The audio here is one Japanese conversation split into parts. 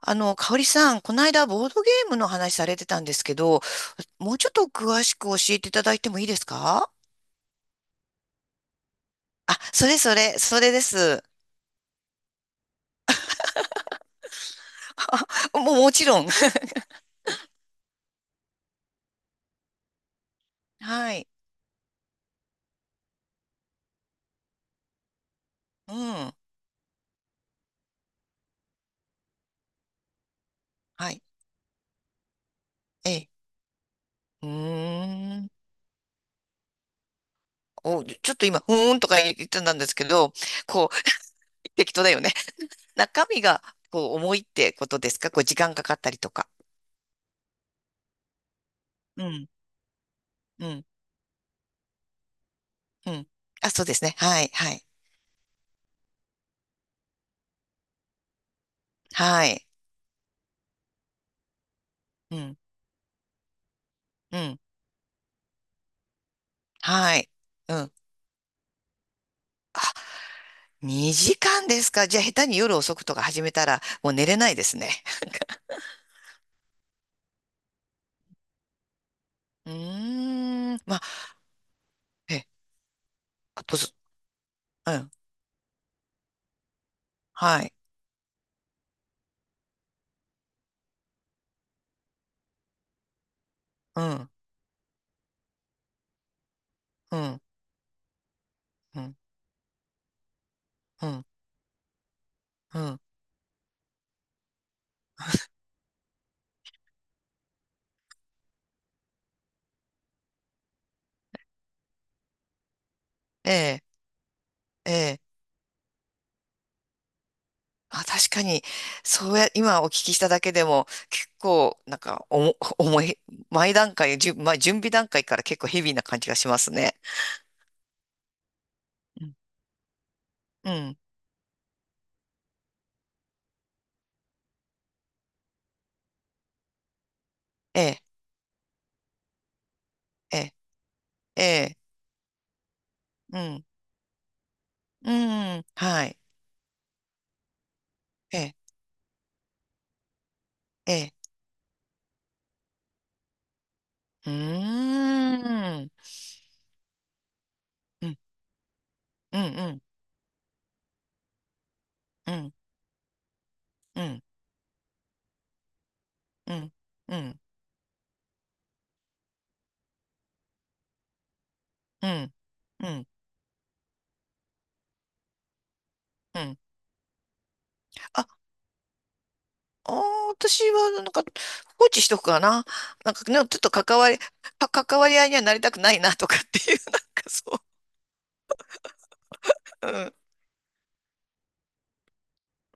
香織さん、この間ボードゲームの話されてたんですけど、もうちょっと詳しく教えていただいてもいいですか？あ、それそれ、それです。もうもちろん。はい。うん。はい。ええ。うーん。お、ちょっと今、うーんとか言ってたんですけど、こう、適当だよね。中身が、こう、重いってことですか？こう、時間かかったりとか。うん。うん。うん。あ、そうですね。はい。はい。はい。うん。うん。はい。うん。2時間ですか。じゃあ、下手に夜遅くとか始めたら、もう寝れないですね。うーん。まあ、え、あとず、うん。はい。うん。うん。うん。うん。うん。ええ。ええ。あ、確かに、そうや、今お聞きしただけでも、結構、なんか、おも、重い、前段階、じゅ、まあ、準備段階から結構ヘビーな感じがしますね。うん。うん。ええ。ええ。ええ。うん。うん。はい。ええ。ええ。うーん。うん。うん。うん。うん、うん、うん、うん、うん、うん、うん。あ、あー、私は、なんか、放置しとくかな。なんかね、ちょっと関わり、か関わり合いにはなりたくないなとかっていう、なんかそう。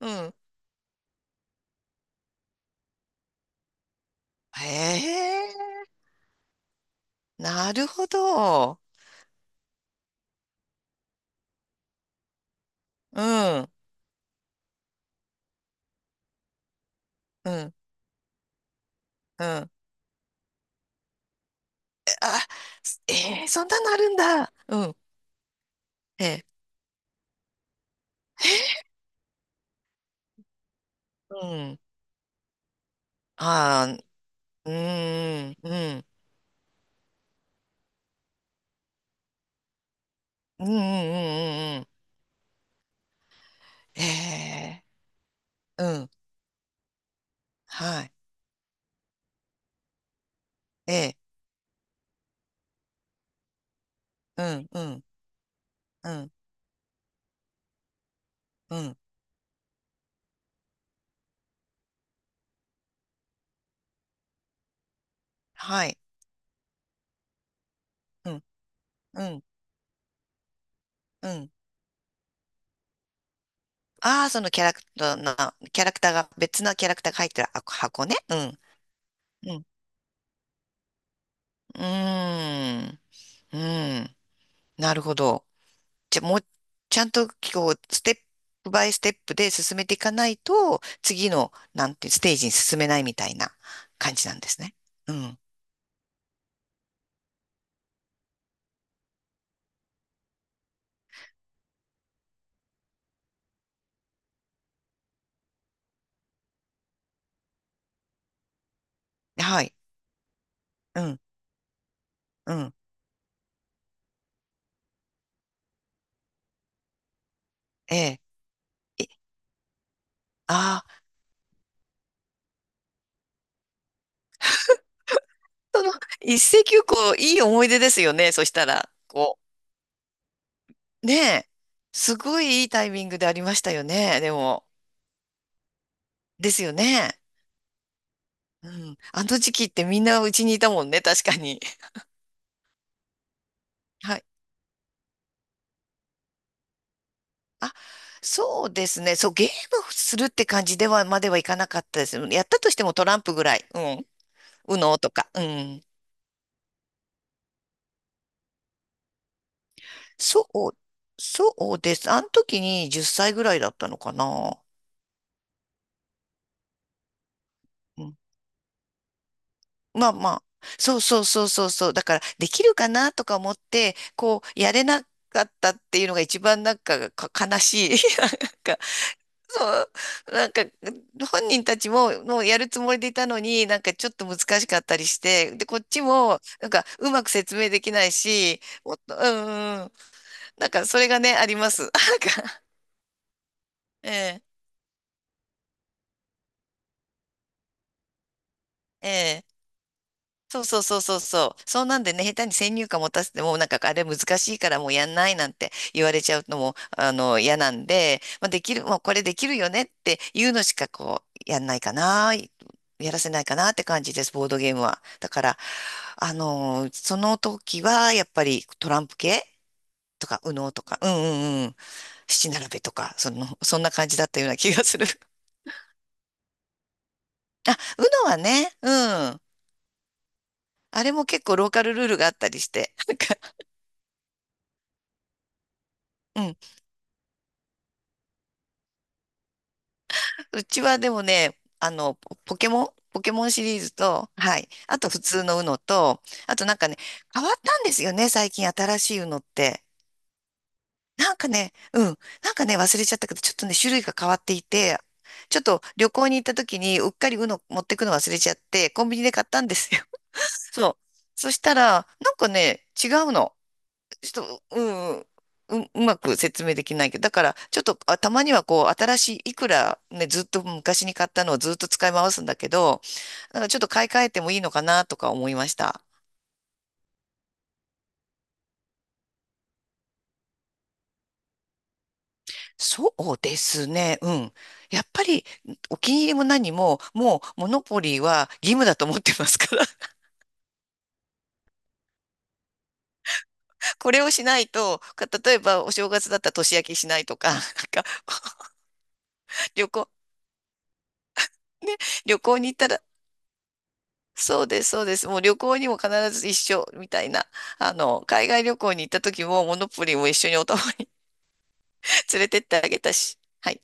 うん、うん。へえ、なるほど。うん、うん、うん。あ、えー、そんなのあるんだ。うん、ええ、うん。ああ、うん、うん、うん、うん、うん、うん。うん。ええ、うん、はい。ええ。うん、うん、うん、うん。はい。うん、うん、うん。ああ、そのキャラクターな、キャラクターが、別なキャラクターが入ってる箱ね。うん、うん。うーん、うん。なるほど。じゃあ、もう、ちゃんと、こう、ステップバイステップで進めていかないと、次の、なんて、ステージに進めないみたいな感じなんですね。うん。はい。うん、うん。ええ。ああー、その、一石をこう、いい思い出ですよね。そしたら。こう、ねえ、すごいいいタイミングでありましたよね、でも。ですよね。うん。あの時期ってみんなうちにいたもんね、確かに。はい。あ、そうですね。そう、ゲームするって感じでは、まではいかなかったです。やったとしてもトランプぐらい。うん。ウノとか。うん。そう、そうです。あの時に10歳ぐらいだったのかな。うん。まあまあ、そうそうそうそうそう。だから、できるかなとか思って、こう、やれなかったっていうのが一番なんか、か悲しい。なんか、そう、なんか、本人たちも、もうやるつもりでいたのに、なんかちょっと難しかったりして、で、こっちも、なんか、うまく説明できないし、もっと、うんうん、なんか、それがね、あります。なんか、ええ、ええ。そうそうそうそうそう。そうなんでね、下手に先入観持たせても、なんかあれ難しいからもうやんないなんて言われちゃうのも、嫌なんで、まあ、できる、もうこれできるよねっていうのしかこう、やんないかな、やらせないかなって感じです、ボードゲームは。だから、その時はやっぱりトランプ系とか、右脳とか、うんうんうん、七並べとか、その、そんな感じだったような気がする。あ、UNO はね、うん。あれも結構ローカルルールがあったりして、なんか、うん。うちはでもね、ポケモンシリーズと、はい。あと普通の UNO と、あとなんかね、変わったんですよね、最近新しい UNO って。なんかね、うん。なんかね、忘れちゃったけど、ちょっとね、種類が変わっていて、ちょっと旅行に行った時に、うっかり UNO 持ってくの忘れちゃって、コンビニで買ったんですよ。そう。そしたら、なんかね、違うの。ちょっと、うん、うん、う、うまく説明できないけど、だから、ちょっと、あ、たまにはこう、新しい、いくらね、ずっと昔に買ったのをずっと使い回すんだけど、なんかちょっと買い替えてもいいのかなとか思いました。そうですね、うん。やっぱり、お気に入りも何も、もう、モノポリーは義務だと思ってますから、これをしないと、か例えば、お正月だったら年明けしないとか、なんか、旅行、ね、旅行に行ったら、そうです、そうです。もう旅行にも必ず一緒みたいな。海外旅行に行った時も、モノポリーも一緒にお互い 連れてってあげたし。はい。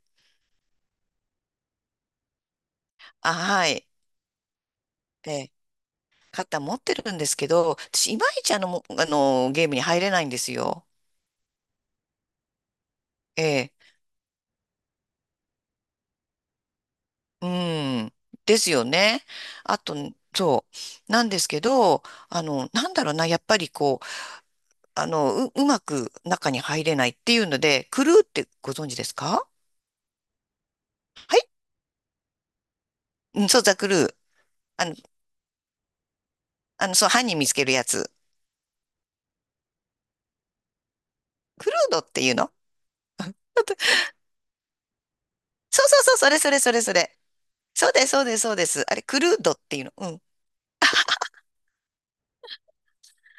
あ、はい。えー、肩持ってるんですけど、私、いまいちゲームに入れないんですよ。えー、うん。ですよね。あと、そう。なんですけど、なんだろうな、やっぱりこう、う、うまく中に入れないっていうので、クルーってご存知ですか？はい。うん、そう、ザ・クルー。あの、そう、犯人見つけるやつ。クルードっていうの？そうそうそう、それそれそれそれ。そうです、そうです、そうです。あれ、クルードっていうの。うん。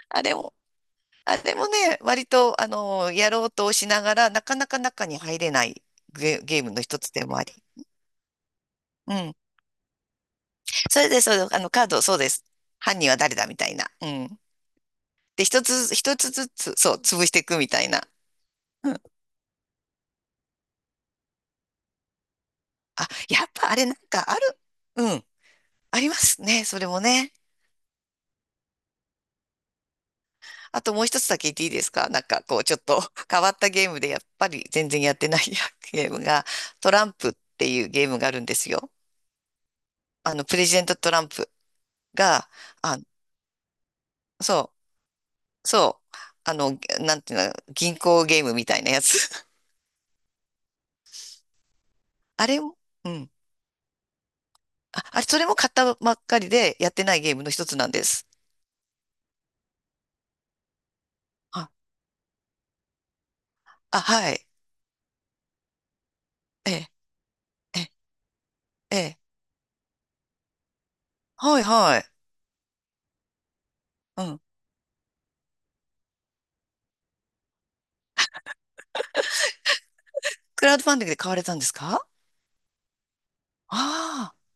あれも、あれもね、割と、やろうとしながら、なかなか中に入れないゲ、ゲームの一つでもあり。うん。それで、そう、カード、そうです。犯人は誰だみたいな。うん。で、一つずつ、一つずつ、そう、潰していくみたいな。うん。あ、やっぱあれなんかある。うん。ありますね、それもね。あともう一つだけ言っていいですか？なんかこうちょっと 変わったゲームでやっぱり全然やってない ゲームがトランプっていうゲームがあるんですよ。あのプレジデントトランプが、あ、そう、そう、なんていうの、銀行ゲームみたいなやつ。あれも、うん。あ、あれ、それも買ったばっかりでやってないゲームの一つなんです。あ、あ、はい。ええ、ええ、ええ。はい、はい。うん。クラウドファンディングで買われたんですか？ああー。